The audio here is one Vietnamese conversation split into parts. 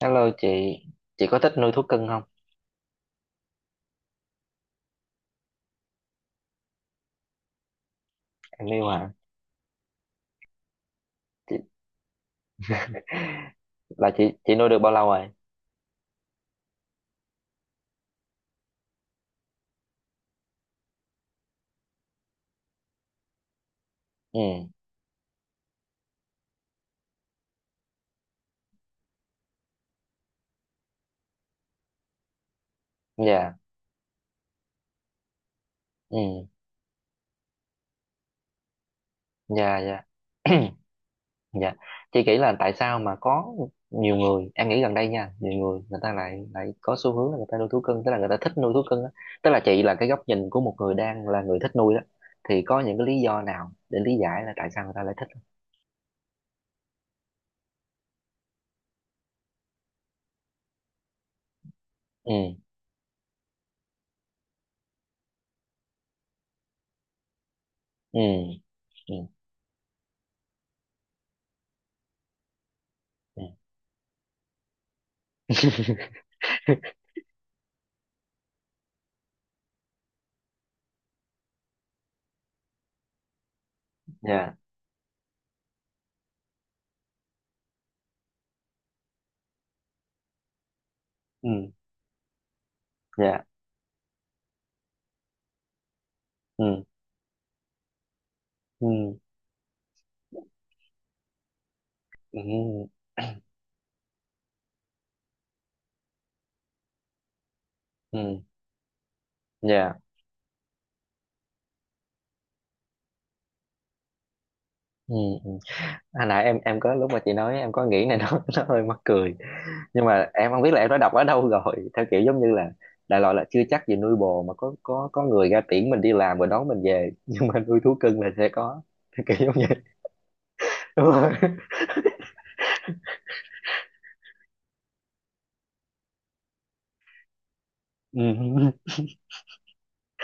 Hello chị có thích nuôi thú cưng không? Em yêu hả? Chị... là chị nuôi được bao lâu rồi? Ừ, dạ, ừ, dạ, dạ, dạ. Chị nghĩ là tại sao mà có nhiều người, em nghĩ gần đây nha, nhiều người người ta lại lại có xu hướng là người ta nuôi thú cưng, tức là người ta thích nuôi thú cưng á. Tức là chị là cái góc nhìn của một người đang là người thích nuôi đó, thì có những cái lý do nào để lý giải là tại sao người ta lại thích không? Ừ. Ừ. Ừ. Ừ. Dạ. Ừ. Dạ. Ừ. Ừ. Ừ. Ừ. Dạ. Ừ. Ừ. À, nãy em có lúc mà chị nói em có nghĩ này nó nó hơi mắc cười, nhưng mà em không biết là em đã đọc ở đâu rồi, theo kiểu giống như là đại loại là chưa chắc gì nuôi bồ mà có người ra tiễn mình đi làm rồi đón mình về, nhưng mà nuôi thú cưng là sẽ có, theo kiểu giống vậy. Đúng rồi. Ừ.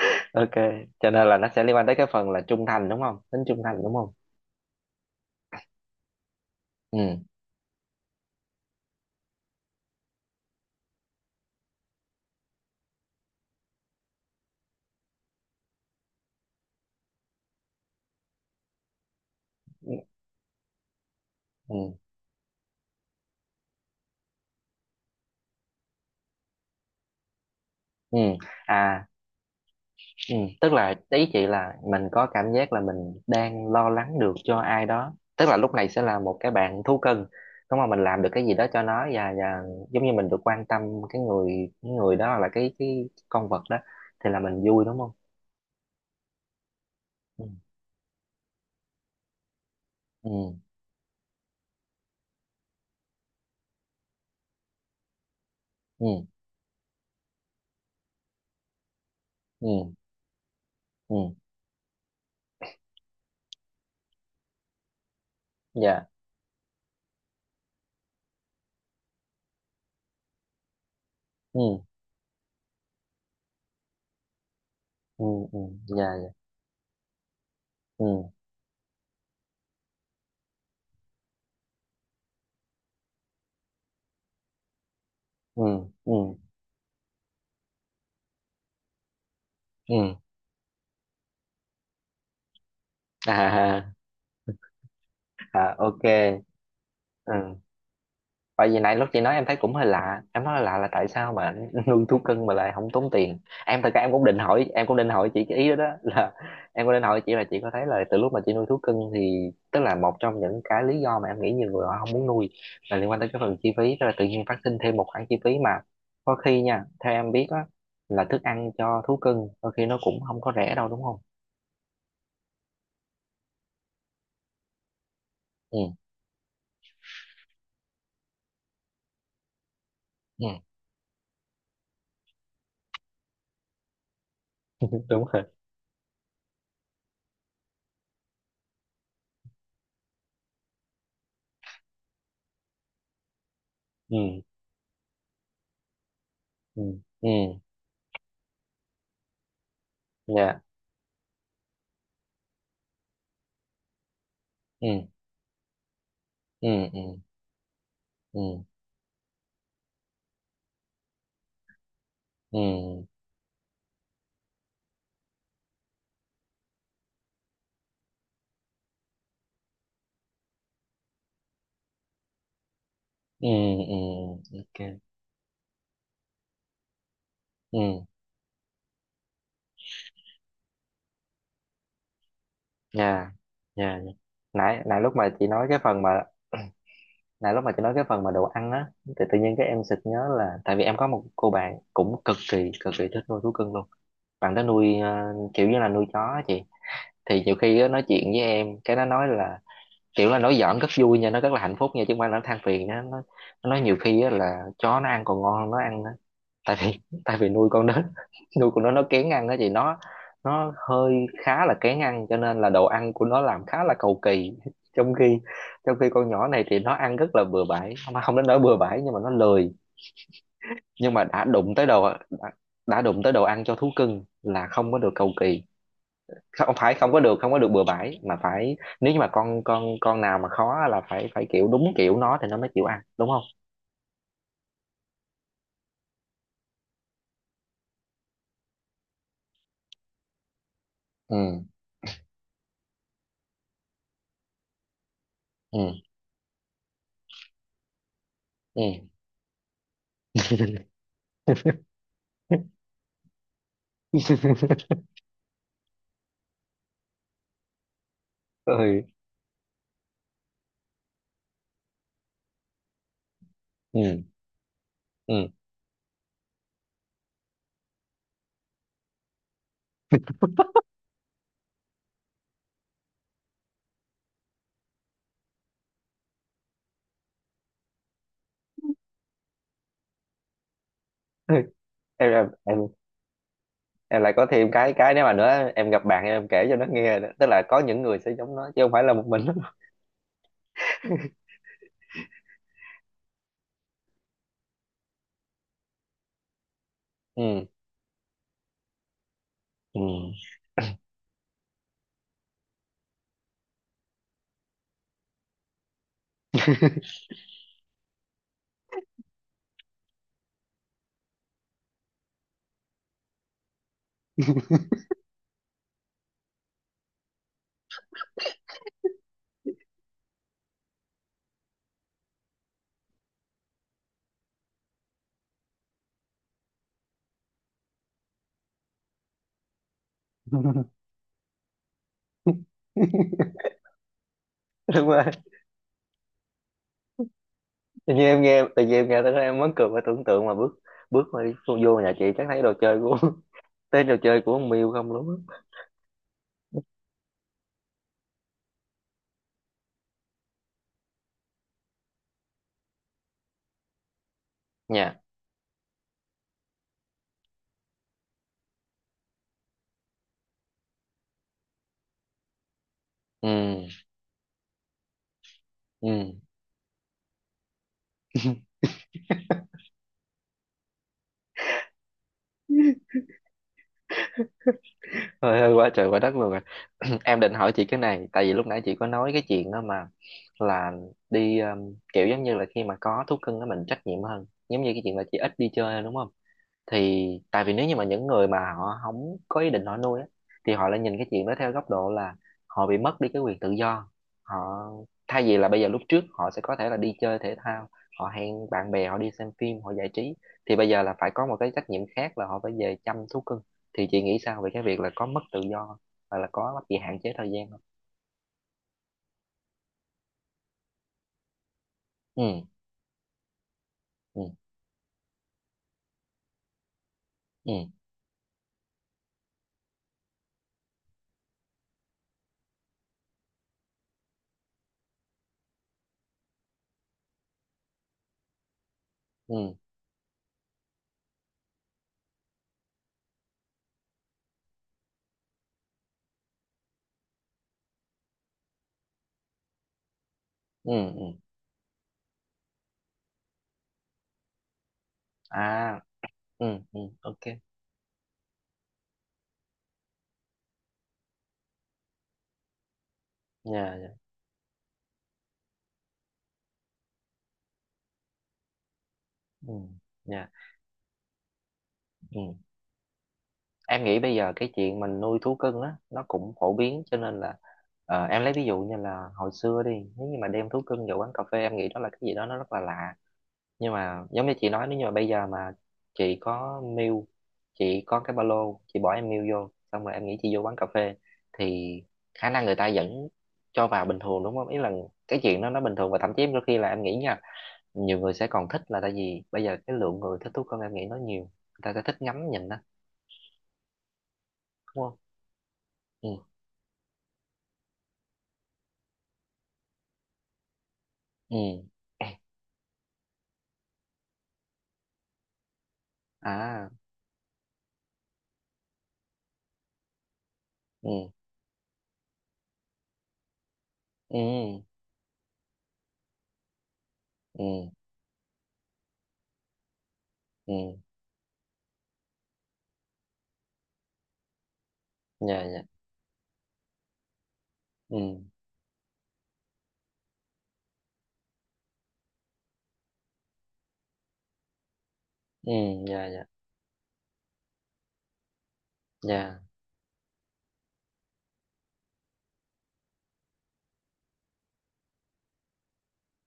Ok, cho nên là nó sẽ liên quan tới cái phần là trung thành đúng không, tính trung thành đúng không? Ừ. Ừ. Ừ. Ừ. À. Ừ. Tức là ý chị là mình có cảm giác là mình đang lo lắng được cho ai đó, tức là lúc này sẽ là một cái bạn thú cưng đúng không, mình làm được cái gì đó cho nó, và giống như mình được quan tâm cái người, đó là cái, con vật đó thì là mình vui đúng không. Ừ. Ừ. Ừ. Ừ. Ừ. Dạ. Ừ. Ừ. Ừ. Dạ. Dạ. Ừ. Ừ. Ừ. Ừ. À. À, ok. Ừ. Tại vì nãy lúc chị nói em thấy cũng hơi lạ. Em nói lạ là tại sao mà nuôi thú cưng mà lại không tốn tiền. Em thật ra em cũng định hỏi. Em cũng định hỏi chị cái ý đó, đó. Là em cũng định hỏi chị là chị có thấy là từ lúc mà chị nuôi thú cưng, thì tức là một trong những cái lý do mà em nghĩ nhiều người họ không muốn nuôi là liên quan tới cái phần chi phí. Tức là tự nhiên phát sinh thêm một khoản chi phí mà có khi nha, theo em biết á, là thức ăn cho thú cưng đôi khi nó cũng không có rẻ đâu đúng không. Ừ. Ừ. Đúng rồi. Ừ. Ừ. Ừ. Dạ. Ừ. Ừ. Ừ. Ừ. Ừ. Ừ. Ừ. Ừ. Ok. Ừ. Nha. Nha. Nha. Nãy nãy lúc mà chị nói cái phần mà nãy lúc mà chị nói cái phần mà đồ ăn á, thì tự nhiên cái em sực nhớ là tại vì em có một cô bạn cũng cực kỳ thích nuôi thú cưng luôn. Bạn đó nuôi kiểu như là nuôi chó á chị, thì nhiều khi á, nói chuyện với em cái nó nói là, kiểu là nói giỡn rất vui nha, nó rất là hạnh phúc nha, chứ không phải là nó than phiền nha. Nó nói nhiều khi á, là chó nó ăn còn ngon hơn nó ăn, tại vì, nuôi con đó, nuôi con nó, kén ăn đó chị. Nó, hơi, khá là kén ăn, cho nên là đồ ăn của nó làm khá là cầu kỳ. Trong khi, con nhỏ này thì nó ăn rất là bừa bãi, không, không đến nỗi bừa bãi nhưng mà nó lười, nhưng mà đã đụng tới đồ ăn cho thú cưng là không có được cầu kỳ. Không phải, không có được, bừa bãi, mà phải, nếu như mà con nào mà khó là phải, kiểu đúng kiểu nó thì nó mới chịu ăn đúng không. Ừ. Ừ. Ừ. Ừ. Ừ. Ừ. em Em lại có thêm cái, nếu mà nữa, em gặp bạn em kể cho nó nghe nữa. Tức là có những người sẽ giống nó chứ không phải là một mình nó. Ừ. Ừ. Đúng rồi. Tự nhiên em nghe, tới đó em muốn cười và tưởng tượng mà bước bước mà đi vô vô nhà chị chắc thấy đồ chơi của, thấy đồ chơi của con Miu không luôn á. Nha. Ừ. Ừ. Thôi, hơi quá trời quá đất luôn rồi. Em định hỏi chị cái này, tại vì lúc nãy chị có nói cái chuyện đó mà, là đi, kiểu giống như là khi mà có thú cưng đó mình trách nhiệm hơn, giống như cái chuyện là chị ít đi chơi đúng không, thì tại vì nếu như mà những người mà họ không có ý định họ nuôi á, thì họ lại nhìn cái chuyện đó theo góc độ là họ bị mất đi cái quyền tự do. Họ, thay vì là bây giờ, lúc trước họ sẽ có thể là đi chơi thể thao, họ hẹn bạn bè, họ đi xem phim, họ giải trí, thì bây giờ là phải có một cái trách nhiệm khác là họ phải về chăm thú cưng. Thì chị nghĩ sao về cái việc là có mất tự do không, hoặc là có bị hạn chế thời gian không? Ừ. Ừ. Ừ. Ừ. Ừ. Ừ. À. Ừ. Ừ. Ok. Dạ. Dạ. Ừ. Dạ. Em nghĩ bây giờ cái chuyện mình nuôi thú cưng á nó cũng phổ biến, cho nên là, ờ, em lấy ví dụ như là hồi xưa đi, nếu như mà đem thú cưng vào quán cà phê, em nghĩ đó là cái gì đó nó rất là lạ. Nhưng mà giống như chị nói, nếu như mà bây giờ mà chị có mail, chị có cái ba lô chị bỏ em mail vô xong rồi, em nghĩ chị vô quán cà phê thì khả năng người ta vẫn cho vào bình thường đúng không. Ý là cái chuyện đó nó bình thường, và thậm chí đôi khi là em nghĩ nha, nhiều người sẽ còn thích, là tại vì bây giờ cái lượng người thích thú cưng em nghĩ nó nhiều, người ta sẽ thích ngắm nhìn đó đúng không. Ừ. Ừ. À. Ừ. Ừ. Ừ. Ừ. Dạ. Dạ. Ừ. Ừ. Dạ. Dạ. Dạ.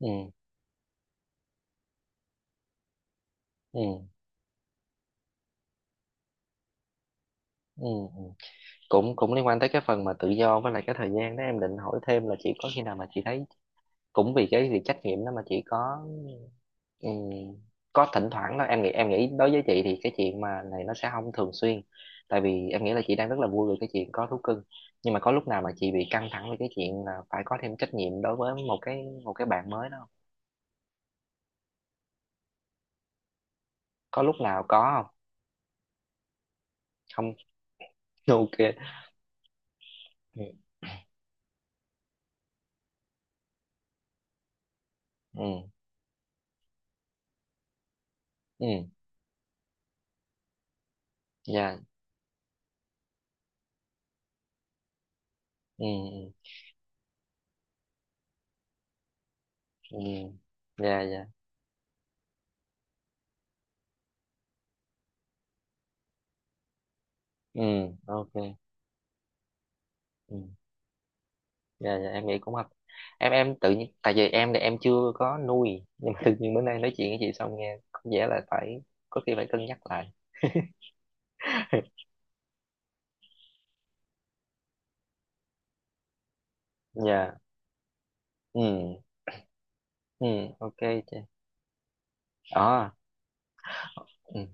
Ừ. Ừ. Ừ. Ừ. Cũng, liên quan tới cái phần mà tự do với lại cái thời gian đó, em định hỏi thêm là chị có khi nào mà chị thấy cũng vì cái việc trách nhiệm đó mà chị có, ừ, có thỉnh thoảng đó. Em nghĩ, em nghĩ đối với chị thì cái chuyện mà này nó sẽ không thường xuyên, tại vì em nghĩ là chị đang rất là vui về cái chuyện có thú cưng, nhưng mà có lúc nào mà chị bị căng thẳng về cái chuyện là phải có thêm trách nhiệm đối với một cái, một cái bạn mới đó? Có lúc nào có? Không. Không. Ok. Ừ. Ừ. Ừ. Dạ. Ừ. Ừ. Ừ. Dạ. Dạ. Ừ. Ok. Ừ. Dạ. Dạ, em nghĩ cũng hợp. Em, tự nhiên, tại vì em thì em chưa có nuôi, nhưng mà tự nhiên bữa nay nói chuyện với chị xong nghe có vẻ là phải, có khi phải cân nhắc lại. Dạ. Ừ. Ừ. Ok. Chị. Ờ. Ừ.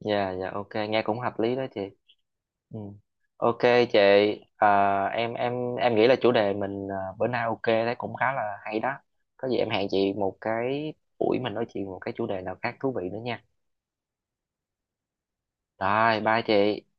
Dạ. Dạ, ok, nghe cũng hợp lý đó chị. Ừ. Ok. Chị. Em nghĩ là chủ đề mình bữa nay ok, thấy cũng khá là hay đó. Có gì em hẹn chị một cái buổi mình nói chuyện một cái chủ đề nào khác thú vị nữa nha. Rồi bye chị.